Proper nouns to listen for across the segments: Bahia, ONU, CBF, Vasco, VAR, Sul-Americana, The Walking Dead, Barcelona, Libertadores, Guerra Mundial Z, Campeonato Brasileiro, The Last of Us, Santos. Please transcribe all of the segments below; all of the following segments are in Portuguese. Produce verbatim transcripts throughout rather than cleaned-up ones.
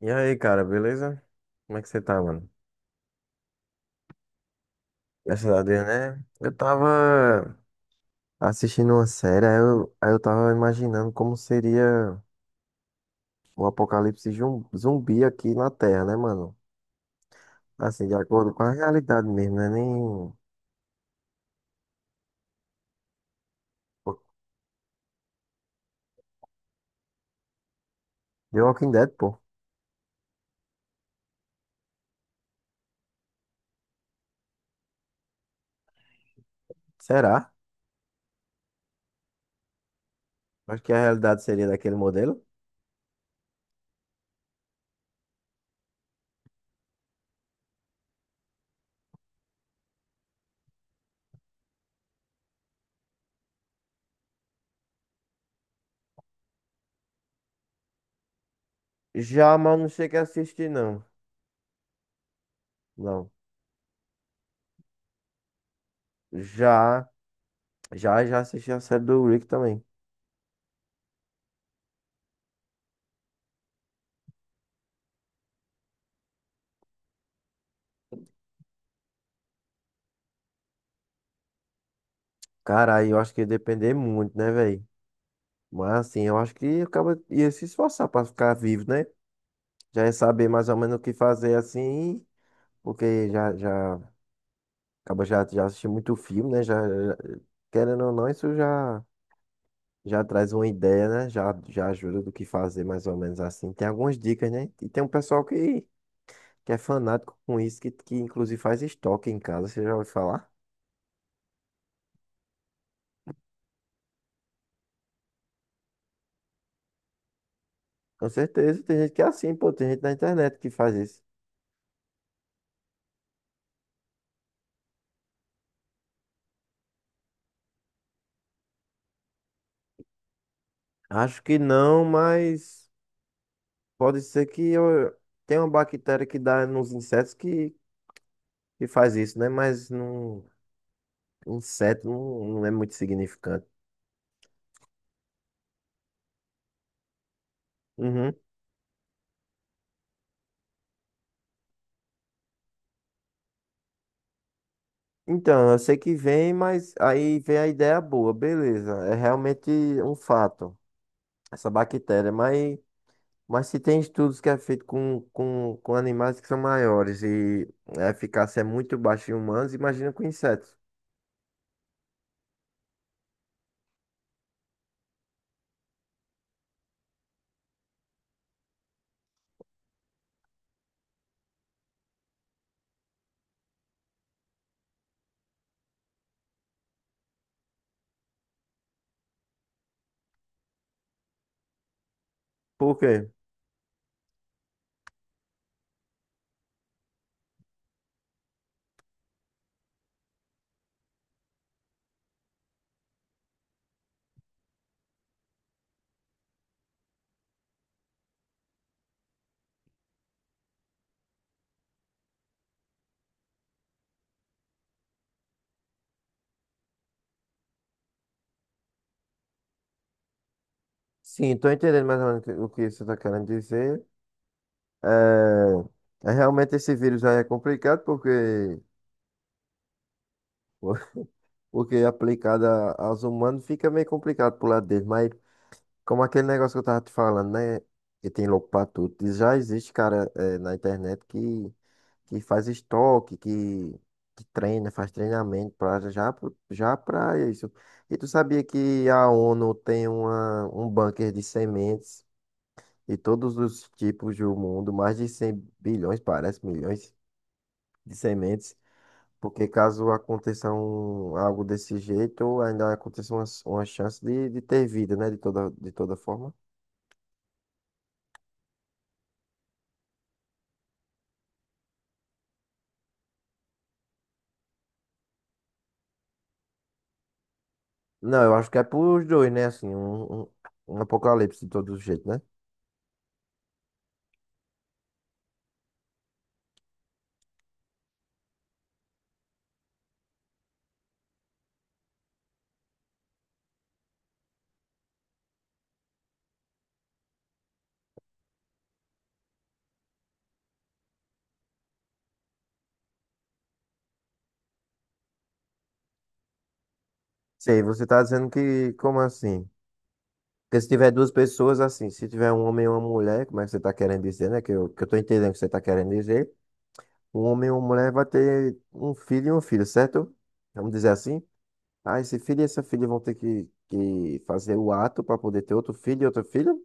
E aí, cara, beleza? Como é que você tá, mano? Graças a Deus, né? Eu tava assistindo uma série, aí eu, aí eu tava imaginando como seria o apocalipse zum- zumbi aqui na Terra, né, mano? Assim, de acordo com a realidade mesmo, né? Nem The Walking Dead, pô. Será? Acho que a realidade seria daquele modelo. Já, mas não cheguei a assistir, não. Não. Já, já, já assisti a série do Rick também. Cara, aí eu acho que ia depender muito, né, velho? Mas assim, eu acho que acaba ia se esforçar para ficar vivo, né? Já ia saber mais ou menos o que fazer assim, porque já já acaba já já assisti muito filme, né? Já, já- querendo ou não, isso já já traz uma ideia, né? Já já ajuda do que fazer mais ou menos assim. Tem algumas dicas, né? E tem um pessoal que que é fanático com isso, que que inclusive faz estoque em casa, você já ouviu falar? Com certeza, tem gente que é assim, pô, tem gente na internet que faz isso. Acho que não, mas pode ser que eu tenha uma bactéria que dá nos insetos que, que faz isso, né? Mas não, inseto não, não é muito significante. Uhum. Então, eu sei que vem, mas aí vem a ideia boa, beleza. É realmente um fato, essa bactéria. Mas, mas se tem estudos que é feito com, com, com animais que são maiores e a eficácia é muito baixa em humanos, imagina com insetos. Por quê? Sim, tô entendendo mais ou menos o que o que você está querendo dizer. É, é realmente esse vírus aí é complicado porque, porque aplicado a- aos humanos fica meio complicado pro lado deles. Mas como aquele negócio que eu tava te falando, né? Que tem louco pra tudo. E já existe, cara, é, na internet que, que faz estoque, que, que treina, faz treinamento pra, já, pro- já pra isso. E tu sabia que a ONU tem uma, um bunker de sementes de todos os tipos do mundo, mais de cem bilhões, parece, milhões de sementes. Porque caso aconteça um, algo desse jeito, ainda aconteça uma, uma chance de, de ter vida, né? De toda, de toda forma. Não, eu acho que é pros dois, né? Assim, um, um, um apocalipse de todo jeito, né? Sei, você tá dizendo que, como assim? Porque se tiver duas pessoas, assim, se tiver um homem e uma mulher, como é que você tá querendo dizer, né? Que eu, que eu tô entendendo o que você tá querendo dizer. Um homem e uma mulher vai ter um filho e uma filha, certo? Vamos dizer assim? Ah, esse filho e essa filha vão ter que, que fazer o ato para poder ter outro filho e outro filho.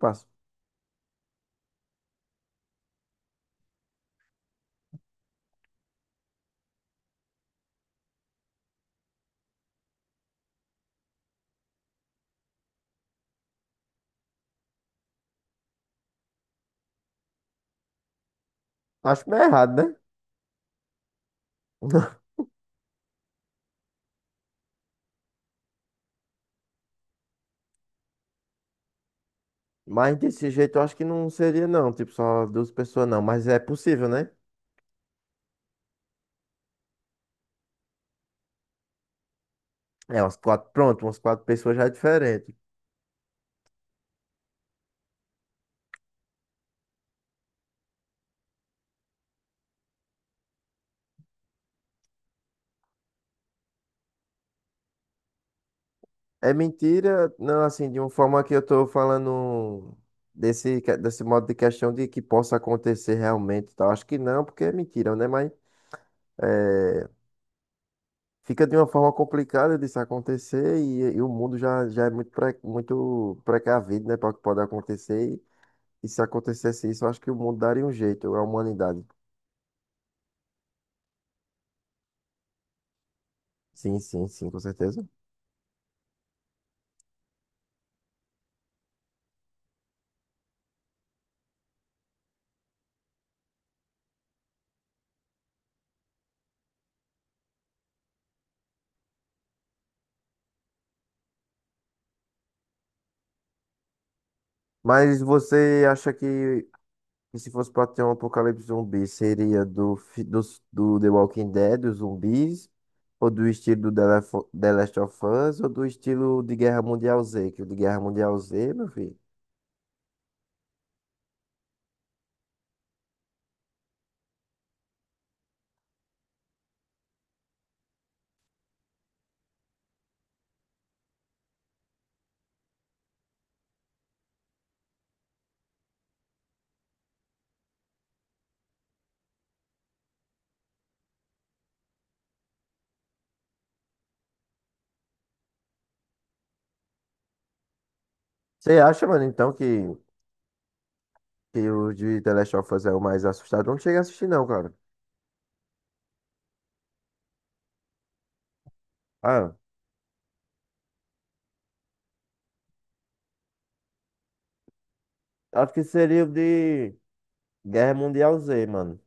Acho meio errado, né? Mas desse jeito eu acho que não seria, não. Tipo, só duas pessoas, não. Mas é possível, né? É, umas quatro, pronto, umas quatro pessoas já é diferente. É mentira, não, assim, de uma forma que eu tô falando desse, que- desse modo de questão de que possa acontecer realmente, e tal. Acho que não, porque é mentira, né? Mas é, fica de uma forma complicada disso acontecer e, e o mundo já, já é muito, pre, muito precavido, né, para o que pode acontecer. E, e se acontecesse isso, eu acho que o mundo daria um jeito, a humanidade. Sim, sim, sim, com certeza. Mas você acha que, que se fosse pra ter um apocalipse zumbi, seria do, fi- dos do The Walking Dead, dos zumbis, ou do estilo do The Lef- The Last of Us, ou do estilo de Guerra Mundial Z? Que o de Guerra Mundial Z, meu filho. Você acha, mano, então, que, que o de The Last of Us é o mais assustador? Não cheguei a assistir, não, cara. Ah, acho que seria o de Guerra Mundial Z, mano.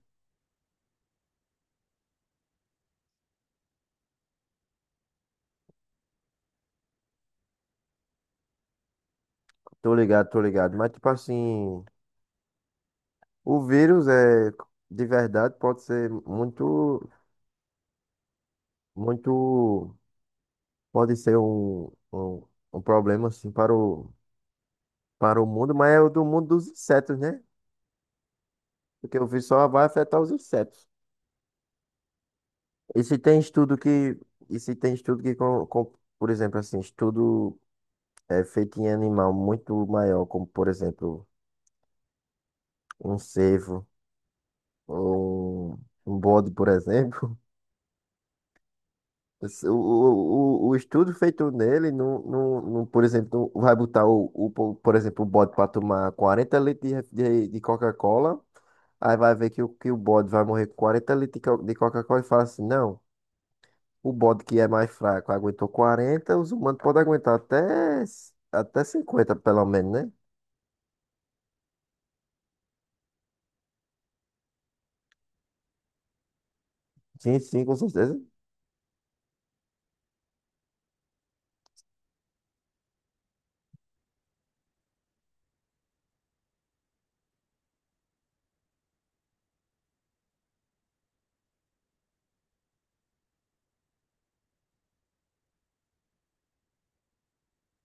Tô ligado, tô ligado. Mas, tipo assim. O vírus é de verdade pode ser muito, muito, pode ser um, um, um problema assim para o, para o mundo, mas é o do mundo dos insetos, né? Porque o vírus só vai afetar os insetos. E se tem estudo que, e se tem estudo que, com, com- por exemplo, assim, estudo é, feito em animal muito maior, como por exemplo um cervo ou um, um bode, por exemplo. O, o, o o estudo feito nele, não, não, não, por exemplo, não vai botar o, o, po- por exemplo, o bode para tomar quarenta litros de, ref- de, de Coca-Cola, aí vai ver que o, que o, bode vai morrer com quarenta litros de co- de Coca-Cola e fala assim, não, o bode que é mais fraco aguentou quarenta, os humanos podem aguentar até, s- até cinquenta pelo menos, né? Sim, sim, com certeza.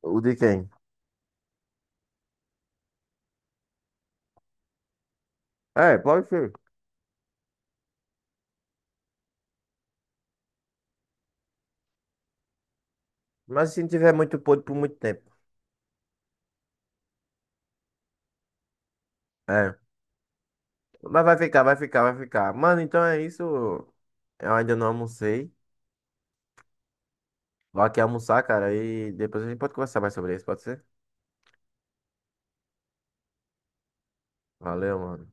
O de quem? É, pode ser. Mas se não tiver muito podre por muito tempo. É. Mas vai ficar, vai ficar, vai ficar. Mano, então é isso. Eu ainda não almocei. Vou aqui almoçar, cara, e depois a gente pode conversar mais sobre isso, pode ser? Valeu, mano.